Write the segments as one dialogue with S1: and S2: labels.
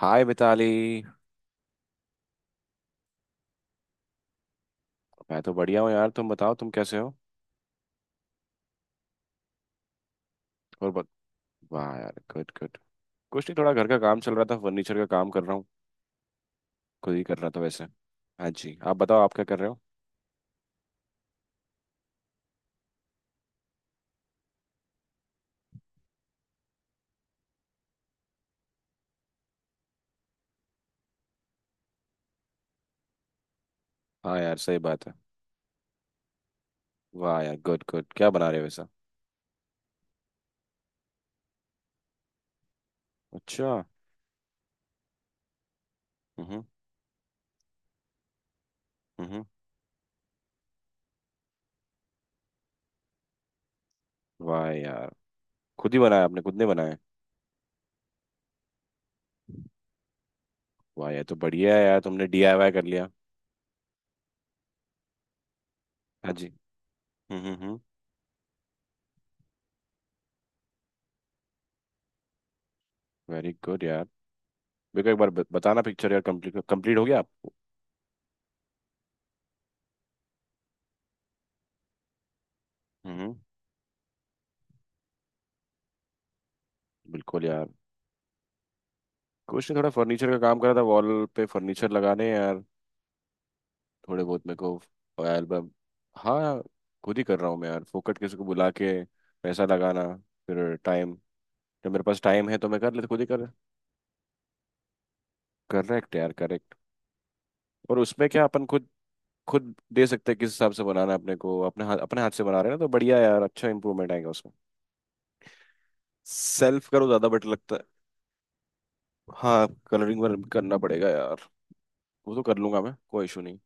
S1: हाय मिताली। मैं तो बढ़िया हूँ यार, तुम बताओ तुम कैसे हो। और बत... वाह यार, गुड गुड। कुछ नहीं, थोड़ा घर का काम चल रहा था, फर्नीचर का काम कर रहा हूँ। खुद ही कर रहा था वैसे। हाँ जी, आप बताओ आप क्या कर रहे हो। हाँ यार, सही बात है। वाह यार, गुड गुड, क्या बना रहे हो वैसा। अच्छा। हम्म हम्म। वाह यार, खुद ही बनाया आपने, खुद ने बनाया? वाह यार, तो बढ़िया है यार, तुमने डीआईवाई कर लिया। हाँ जी। हम्म। वेरी गुड यार। मेरे को एक बार बताना पिक्चर यार, कंप्लीट कंप्लीट हो गया आप? हम्म। बिल्कुल यार। कुछ नहीं, थोड़ा फर्नीचर का काम करा था, वॉल पे फर्नीचर लगाने हैं यार, थोड़े बहुत मेरे को। एल्बम। हाँ, खुद ही कर रहा हूँ मैं यार, फोकट किसी को बुला के पैसा लगाना, फिर टाइम। जब मेरे पास टाइम है तो मैं कर लेता, खुद ही कर। करेक्ट यार, करेक्ट। और उसमें क्या, अपन खुद खुद दे सकते हैं किस हिसाब से बनाना है अपने को, अपने हाथ से बना रहे हैं ना, तो बढ़िया यार, अच्छा इंप्रूवमेंट आएगा उसमें। सेल्फ करो, ज्यादा बेटर लगता है। हाँ, कलरिंग वर्क करना पड़ेगा यार, वो तो कर लूंगा मैं, कोई इशू नहीं।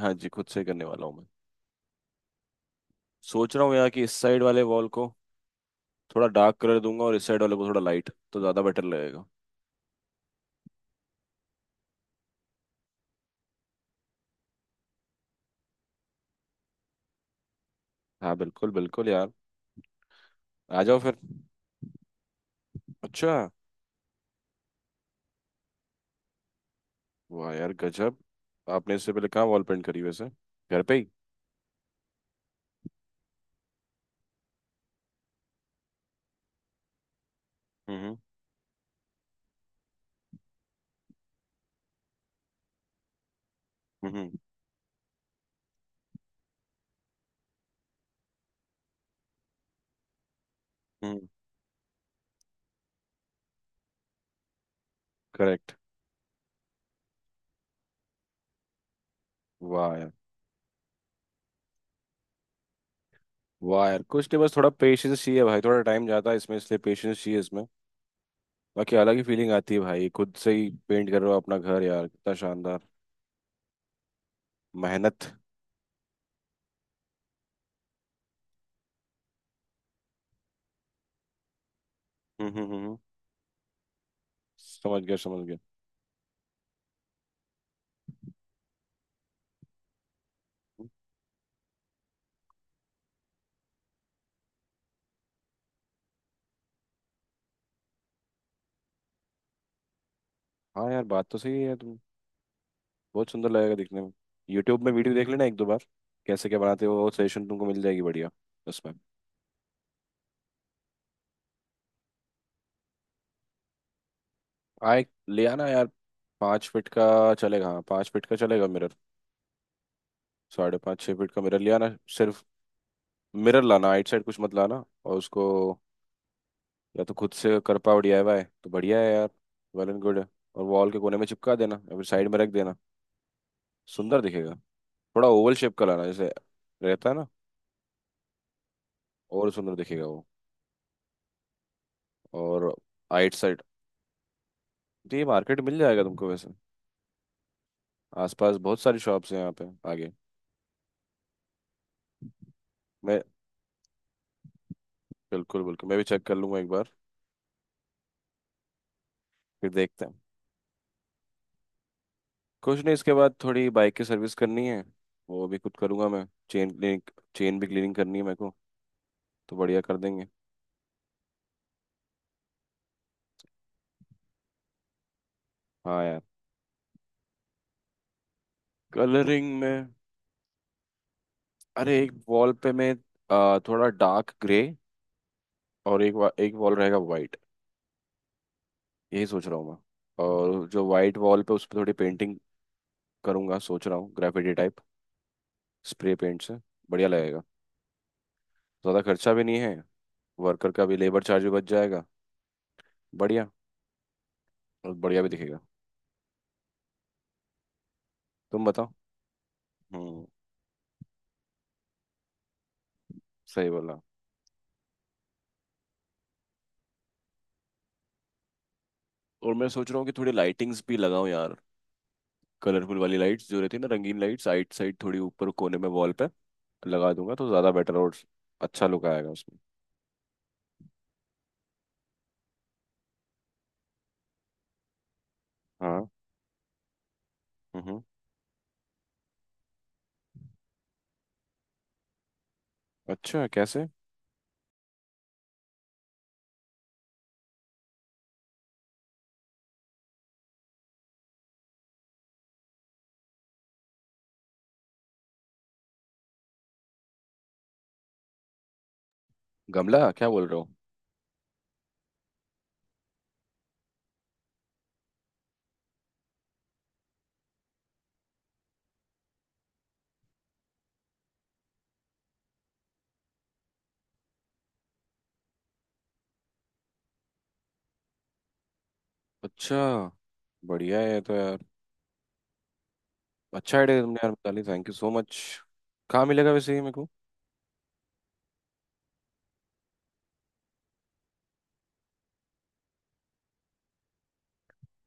S1: हाँ जी, खुद से ही करने वाला हूँ मैं। सोच रहा हूँ यार कि इस साइड वाले वॉल को थोड़ा डार्क कलर दूंगा, और इस साइड वाले को थोड़ा लाइट, तो ज्यादा बेटर लगेगा। हाँ बिल्कुल बिल्कुल यार, आ जाओ फिर। अच्छा। वाह यार, गजब। आपने इससे पहले कहाँ वॉल पेंट करी वैसे, घर पे ही? हम्म हम्म हम्म। करेक्ट। वाह यार। वाह यार, कुछ नहीं, बस थोड़ा पेशेंस चाहिए भाई, थोड़ा टाइम जाता है इसमें, इसलिए पेशेंस चाहिए इसमें। बाकी अलग ही फीलिंग आती है भाई, खुद से ही पेंट कर रहे हो अपना घर यार, कितना शानदार मेहनत। हम्म हम्म हम्म, समझ गया समझ गया। हाँ यार, बात तो सही है तुम। बहुत सुंदर लगेगा दिखने में। यूट्यूब में वीडियो देख लेना एक दो बार, कैसे क्या बनाते हो, वो सजेशन तुमको मिल जाएगी बढ़िया उसमें। हाँ, एक ले आना यार। पाँच फीट का चलेगा, हाँ पाँच फीट का चलेगा मिरर, साढ़े पाँच छः फीट का मिरर ले आना। सिर्फ मिरर लाना, आइट साइड कुछ मत लाना, और उसको या तो खुद से कर पाओ डीआईवाई तो बढ़िया है यार, वेल एंड गुड है। और वॉल के कोने में चिपका देना या फिर साइड में रख देना, सुंदर दिखेगा। थोड़ा ओवल शेप का लाना, जैसे रहता है ना, और सुंदर दिखेगा वो। और आइट साइड तो ये मार्केट मिल जाएगा तुमको वैसे, आसपास बहुत सारी शॉप्स हैं यहाँ पे आगे। मैं बिल्कुल बिल्कुल, मैं भी चेक कर लूंगा एक बार, फिर देखते हैं। कुछ नहीं, इसके बाद थोड़ी बाइक की सर्विस करनी है, वो भी खुद करूंगा मैं। चेन क्लीनिंग, चेन भी क्लीनिंग करनी है मेरे को, तो बढ़िया कर देंगे। हाँ यार, कलरिंग में, अरे एक वॉल पे मैं थोड़ा डार्क ग्रे, और एक वॉल रहेगा वाइट, यही सोच रहा हूँ मैं। और जो वाइट वॉल पे, उस पर थोड़ी पेंटिंग करूंगा, सोच रहा हूँ ग्रेफिटी टाइप, स्प्रे पेंट से, बढ़िया लगेगा। ज़्यादा खर्चा भी नहीं है, वर्कर का भी लेबर चार्ज भी बच जाएगा, बढ़िया। और बढ़िया भी दिखेगा। तुम बताओ। हम्म। सही बोला। और मैं सोच रहा हूँ कि थोड़ी लाइटिंग्स भी लगाऊं यार, कलरफुल वाली लाइट्स जो रहती है ना, रंगीन लाइट्स, साइड साइड थोड़ी ऊपर कोने में वॉल पे लगा दूंगा तो ज्यादा बेटर और अच्छा लुक आएगा उसमें। हाँ। हम्म। अच्छा कैसे? गमला क्या बोल रहे हो? अच्छा, बढ़िया है ये तो यार, अच्छा आइडिया तुमने यार Mitali, thank you so much. कहाँ मिलेगा वैसे ये मेरे को?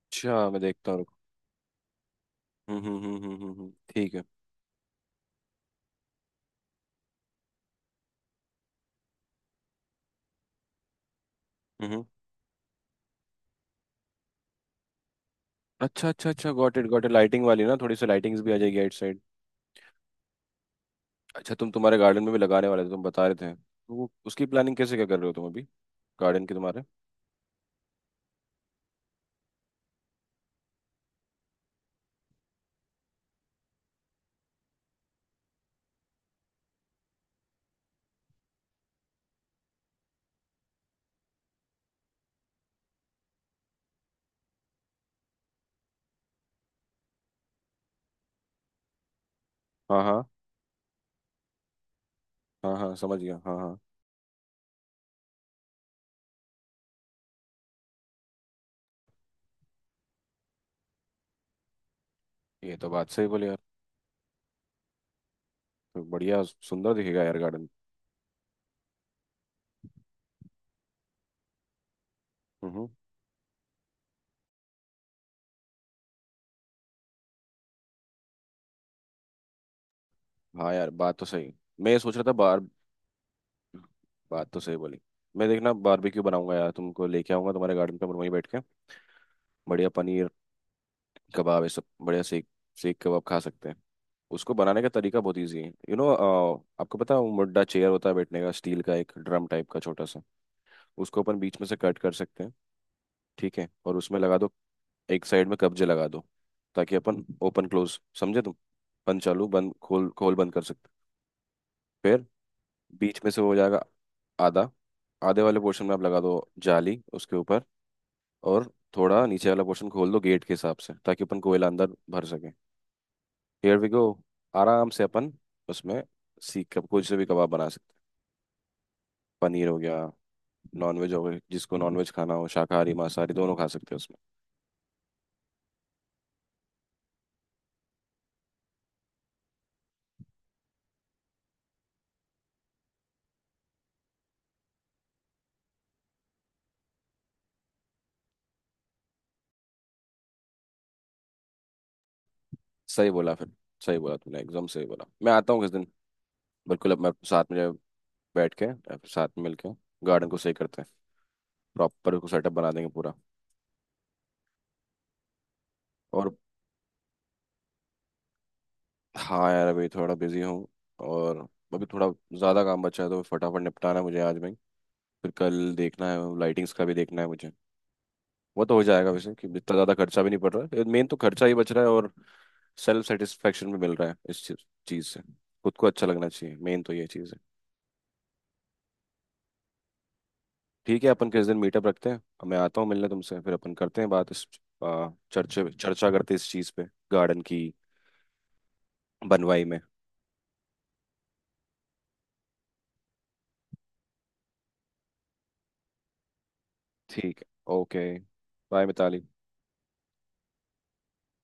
S1: अच्छा, मैं देखता हूँ। ठीक है। हम्म। अच्छा अच्छा अच्छा, got it got it, lighting वाली ना, थोड़ी सी लाइटिंग्स भी आ जाएगी आउट साइड। अच्छा तुम तुम्हारे गार्डन में भी लगाने वाले थे, तुम बता रहे थे, तो वो उसकी प्लानिंग कैसे क्या कर रहे हो तुम अभी, गार्डन की तुम्हारे। हाँ हाँ हाँ हाँ समझ गया हाँ हाँ। ये तो बात सही बोली यार। तो बढ़िया, सुंदर दिखेगा यार गार्डन। हम्म। हाँ यार, बात तो सही। मैं ये सोच रहा था बार, बात तो सही बोली। मैं देखना बारबेक्यू बनाऊंगा यार, तुमको लेके आऊंगा तुम्हारे गार्डन पे, वहीं बैठ के बढ़िया पनीर कबाब, ये सब बढ़िया सेक सेक कबाब खा सकते हैं। उसको बनाने का तरीका बहुत ईजी है यू नो। आपको पता है वो मुड्डा चेयर होता है बैठने का, स्टील का एक ड्रम टाइप का छोटा सा, उसको अपन बीच में से कट कर सकते हैं, ठीक है, और उसमें लगा दो, एक साइड में कब्जे लगा दो, ताकि अपन ओपन क्लोज, समझे तुम, बंद चालू बंद, खोल खोल बंद कर सकते। फिर बीच में से वो हो जाएगा आधा, आधे वाले पोर्शन में आप लगा दो जाली उसके ऊपर, और थोड़ा नीचे वाला पोर्शन खोल दो गेट के हिसाब से, ताकि अपन कोयला अंदर भर सके। हियर वी गो, आराम से अपन उसमें सीख कब कुछ से भी कबाब बना सकते हैं, पनीर हो गया, नॉनवेज हो गया, जिसको नॉनवेज खाना हो, शाकाहारी मांसाहारी दोनों खा सकते हैं उसमें। सही बोला फिर, सही बोला तुमने, एकदम सही बोला। मैं आता हूँ किस दिन, बिल्कुल, अब मैं साथ में, जब बैठ के, अब साथ में मिलके गार्डन को सही करते हैं, प्रॉपर उसको सेटअप बना देंगे पूरा। और हाँ यार, अभी थोड़ा बिजी हूँ, और अभी थोड़ा ज़्यादा काम बचा है, तो फटाफट निपटाना है मुझे आज में ही। फिर कल देखना है, लाइटिंग्स का भी देखना है मुझे। वो तो हो जाएगा वैसे, कि इतना ज़्यादा खर्चा भी नहीं पड़ रहा है, मेन तो खर्चा ही बच रहा है, और सेल्फ सेटिस्फेक्शन भी मिल रहा है इस चीज़ चीज़ से, खुद को अच्छा लगना चाहिए, मेन तो ये चीज़। ठीक है, अपन किस दिन मीटअप रखते हैं, मैं आता हूँ मिलने तुमसे, फिर अपन करते हैं बात इस, चर्चे चर्चा करते हैं इस चीज़ पे, गार्डन की बनवाई में। ठीक है, ओके, बाय मिताली।